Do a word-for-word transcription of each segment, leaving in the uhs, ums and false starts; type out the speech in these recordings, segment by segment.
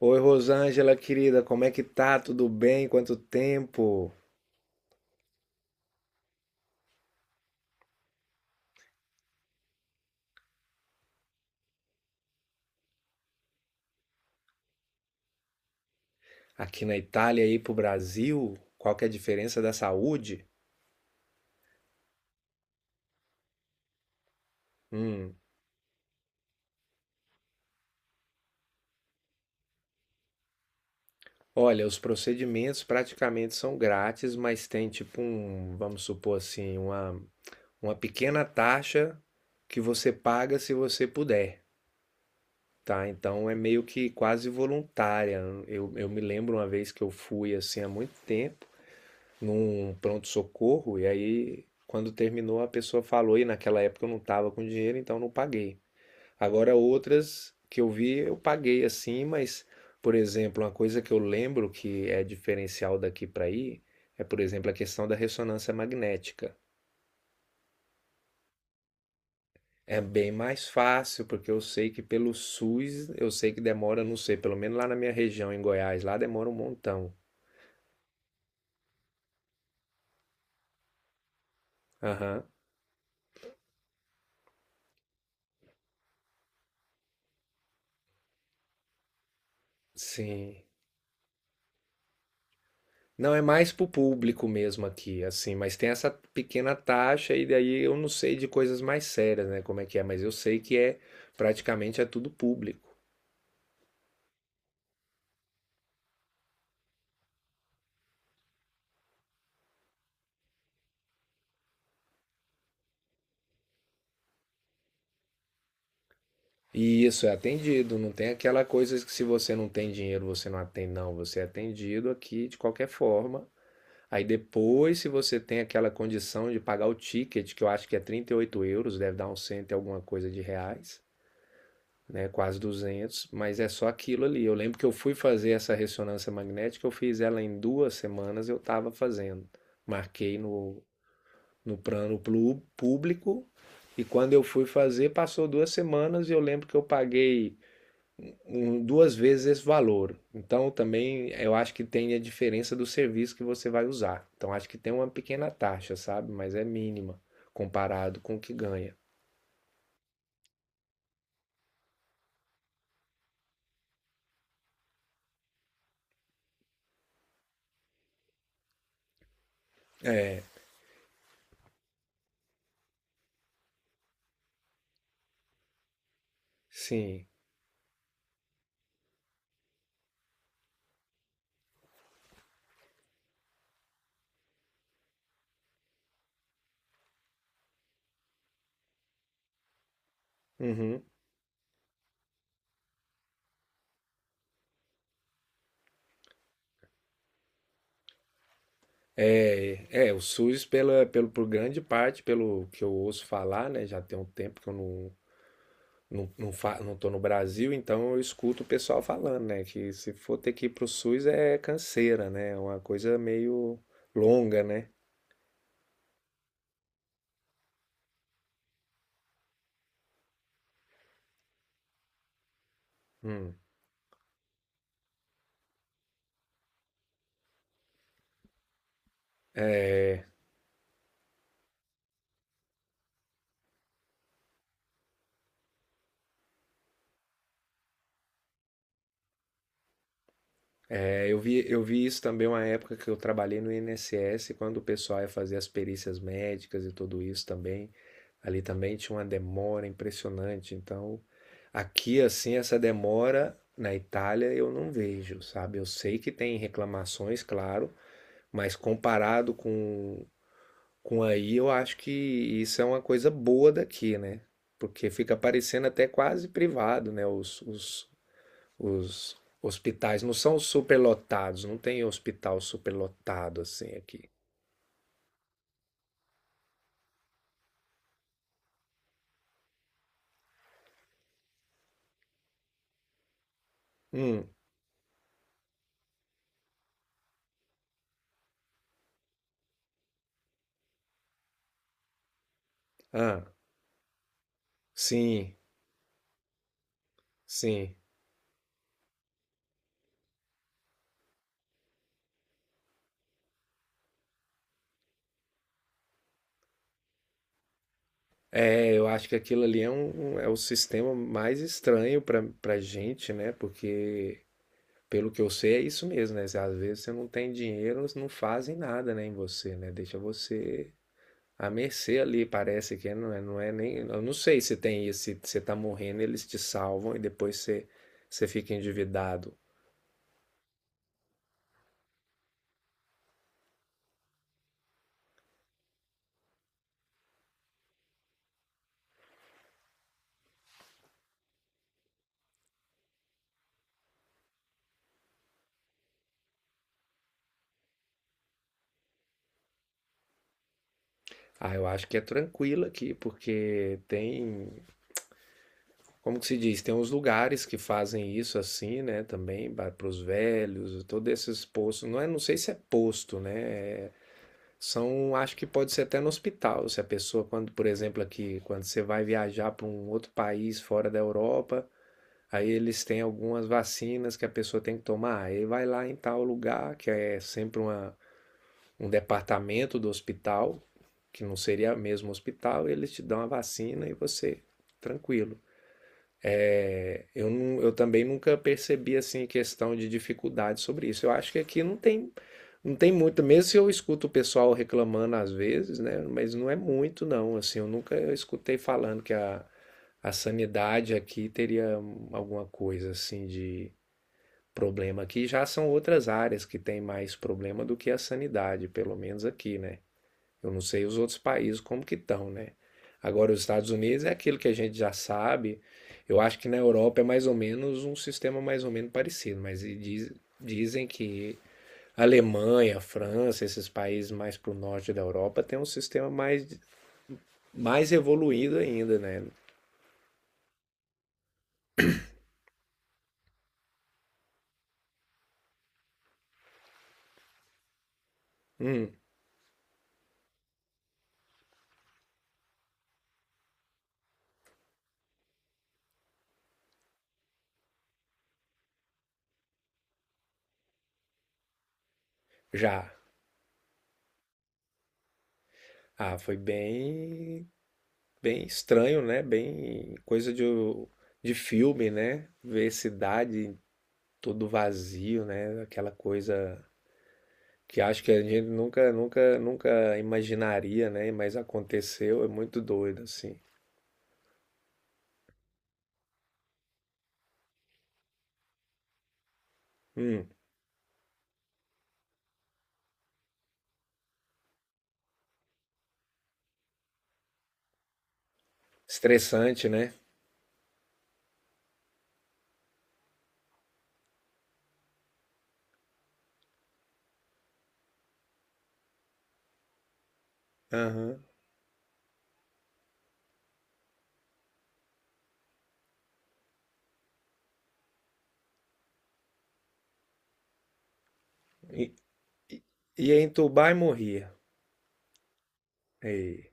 Oi, Rosângela, querida, como é que tá? Tudo bem? Quanto tempo? Aqui na Itália e pro Brasil? Qual que é a diferença da saúde? Hum. Olha, os procedimentos praticamente são grátis, mas tem tipo um, vamos supor assim, uma, uma pequena taxa que você paga se você puder, tá? Então é meio que quase voluntária. Eu, eu me lembro uma vez que eu fui assim há muito tempo num pronto-socorro, e aí, quando terminou, a pessoa falou, e naquela época eu não estava com dinheiro, então não paguei. Agora, outras que eu vi, eu paguei assim, mas, por exemplo, uma coisa que eu lembro que é diferencial daqui para aí é, por exemplo, a questão da ressonância magnética. É bem mais fácil, porque eu sei que pelo SUS, eu sei que demora, não sei, pelo menos lá na minha região, em Goiás, lá demora um montão. Aham, sim. Não, é mais pro público mesmo aqui, assim, mas tem essa pequena taxa e daí eu não sei de coisas mais sérias, né, como é que é, mas eu sei que é praticamente é tudo público. E isso é atendido, não tem aquela coisa que se você não tem dinheiro, você não atende, não, você é atendido aqui de qualquer forma. Aí depois, se você tem aquela condição de pagar o ticket, que eu acho que é trinta e oito euros, deve dar um cento e alguma coisa de reais, né, quase duzentos, mas é só aquilo ali. Eu lembro que eu fui fazer essa ressonância magnética, eu fiz ela em duas semanas, eu estava fazendo. Marquei no, no plano público e quando eu fui fazer, passou duas semanas e eu lembro que eu paguei um- um, duas vezes esse valor. Então também eu acho que tem a diferença do serviço que você vai usar. Então acho que tem uma pequena taxa, sabe? Mas é mínima comparado com o que ganha. É, sim. Uhum. É, é, o SUS, pela, pelo, por grande parte, pelo que eu ouço falar, né? Já tem um tempo que eu não, não, não, fa, não tô no Brasil, então eu escuto o pessoal falando, né? Que se for ter que ir pro SUS é canseira, né? É uma coisa meio longa, né? Hum. É, eu vi, eu vi isso também uma época que eu trabalhei no I N S S, quando o pessoal ia fazer as perícias médicas e tudo isso também. Ali também tinha uma demora impressionante. Então, aqui assim, essa demora na Itália eu não vejo, sabe? Eu sei que tem reclamações, claro, mas comparado com, com, aí, eu acho que isso é uma coisa boa daqui, né? Porque fica parecendo até quase privado, né? Os, os, os hospitais não são superlotados, não tem hospital superlotado assim aqui. Hum, ah, sim, sim. É, eu acho que aquilo ali é, um, um- é o sistema mais estranho para para gente, né? Porque, pelo que eu sei, é isso mesmo, né? Às vezes você não tem dinheiro, eles não fazem nada, né, em você, né? Deixa você à mercê ali, parece que não é, não é nem. Eu não sei se tem isso, se você tá morrendo, eles te salvam e depois você, você fica endividado. Ah, eu acho que é tranquilo aqui, porque tem, como que se diz, tem uns lugares que fazem isso assim, né, também para os velhos, todos esses postos, não é, não sei se é posto, né, é- são, acho que pode ser até no hospital, se a pessoa, quando, por exemplo, aqui, quando você vai viajar para um outro país fora da Europa, aí eles têm algumas vacinas que a pessoa tem que tomar, aí vai lá em tal lugar, que é sempre uma um departamento do hospital, que não seria mesmo hospital, eles te dão a vacina e você tranquilo. É, eu, não, eu também nunca percebi assim questão de dificuldade sobre isso. Eu acho que aqui não tem não tem muito, mesmo se eu escuto o pessoal reclamando às vezes, né? Mas não é muito não, assim, eu nunca escutei falando que a, a sanidade aqui teria alguma coisa assim de problema aqui. Já são outras áreas que tem mais problema do que a sanidade, pelo menos aqui, né? Eu não sei os outros países como que estão, né? Agora, os Estados Unidos é aquilo que a gente já sabe. Eu acho que na Europa é mais ou menos um sistema mais ou menos parecido, mas e diz- dizem que a Alemanha, a França, esses países mais para o norte da Europa tem um sistema mais, mais, evoluído ainda, né? Hum, já. Ah, foi bem, bem estranho, né? Bem coisa de, de filme, né? Ver cidade todo vazio, né? Aquela coisa que acho que a gente nunca, nunca, nunca imaginaria, né? Mas aconteceu, é muito doido, assim. Hum, estressante, né? Aham. E, e- ia entubar e morria. E,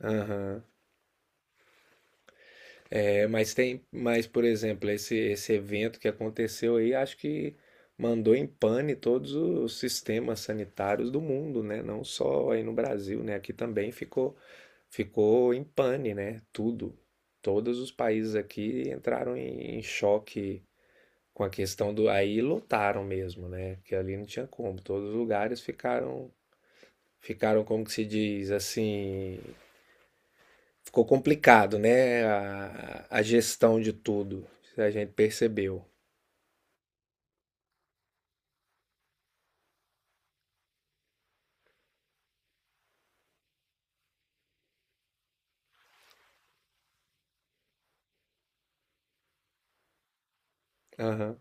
aham. É, mas tem, mas por exemplo, esse, esse evento que aconteceu aí, acho que mandou em pane todos os sistemas sanitários do mundo, né? Não só aí no Brasil, né? Aqui também ficou, ficou em pane, né? Tudo. Todos os países aqui entraram em, em, choque com a questão do. Aí lotaram mesmo, né? Porque ali não tinha como. Todos os lugares ficaram, ficaram como que se diz, assim. Ficou complicado, né? A, a gestão de tudo. A gente percebeu. Aham.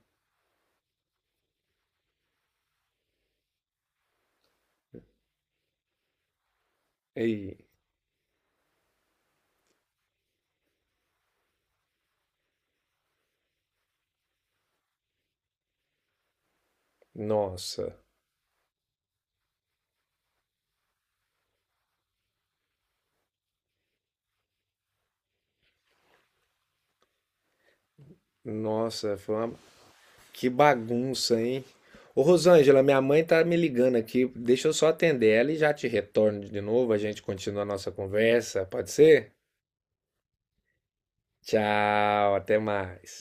E, nossa, nossa, foi uma... que bagunça, hein? Ô Rosângela, minha mãe tá me ligando aqui. Deixa eu só atender ela e já te retorno de novo. A gente continua a nossa conversa, pode ser? Tchau, até mais.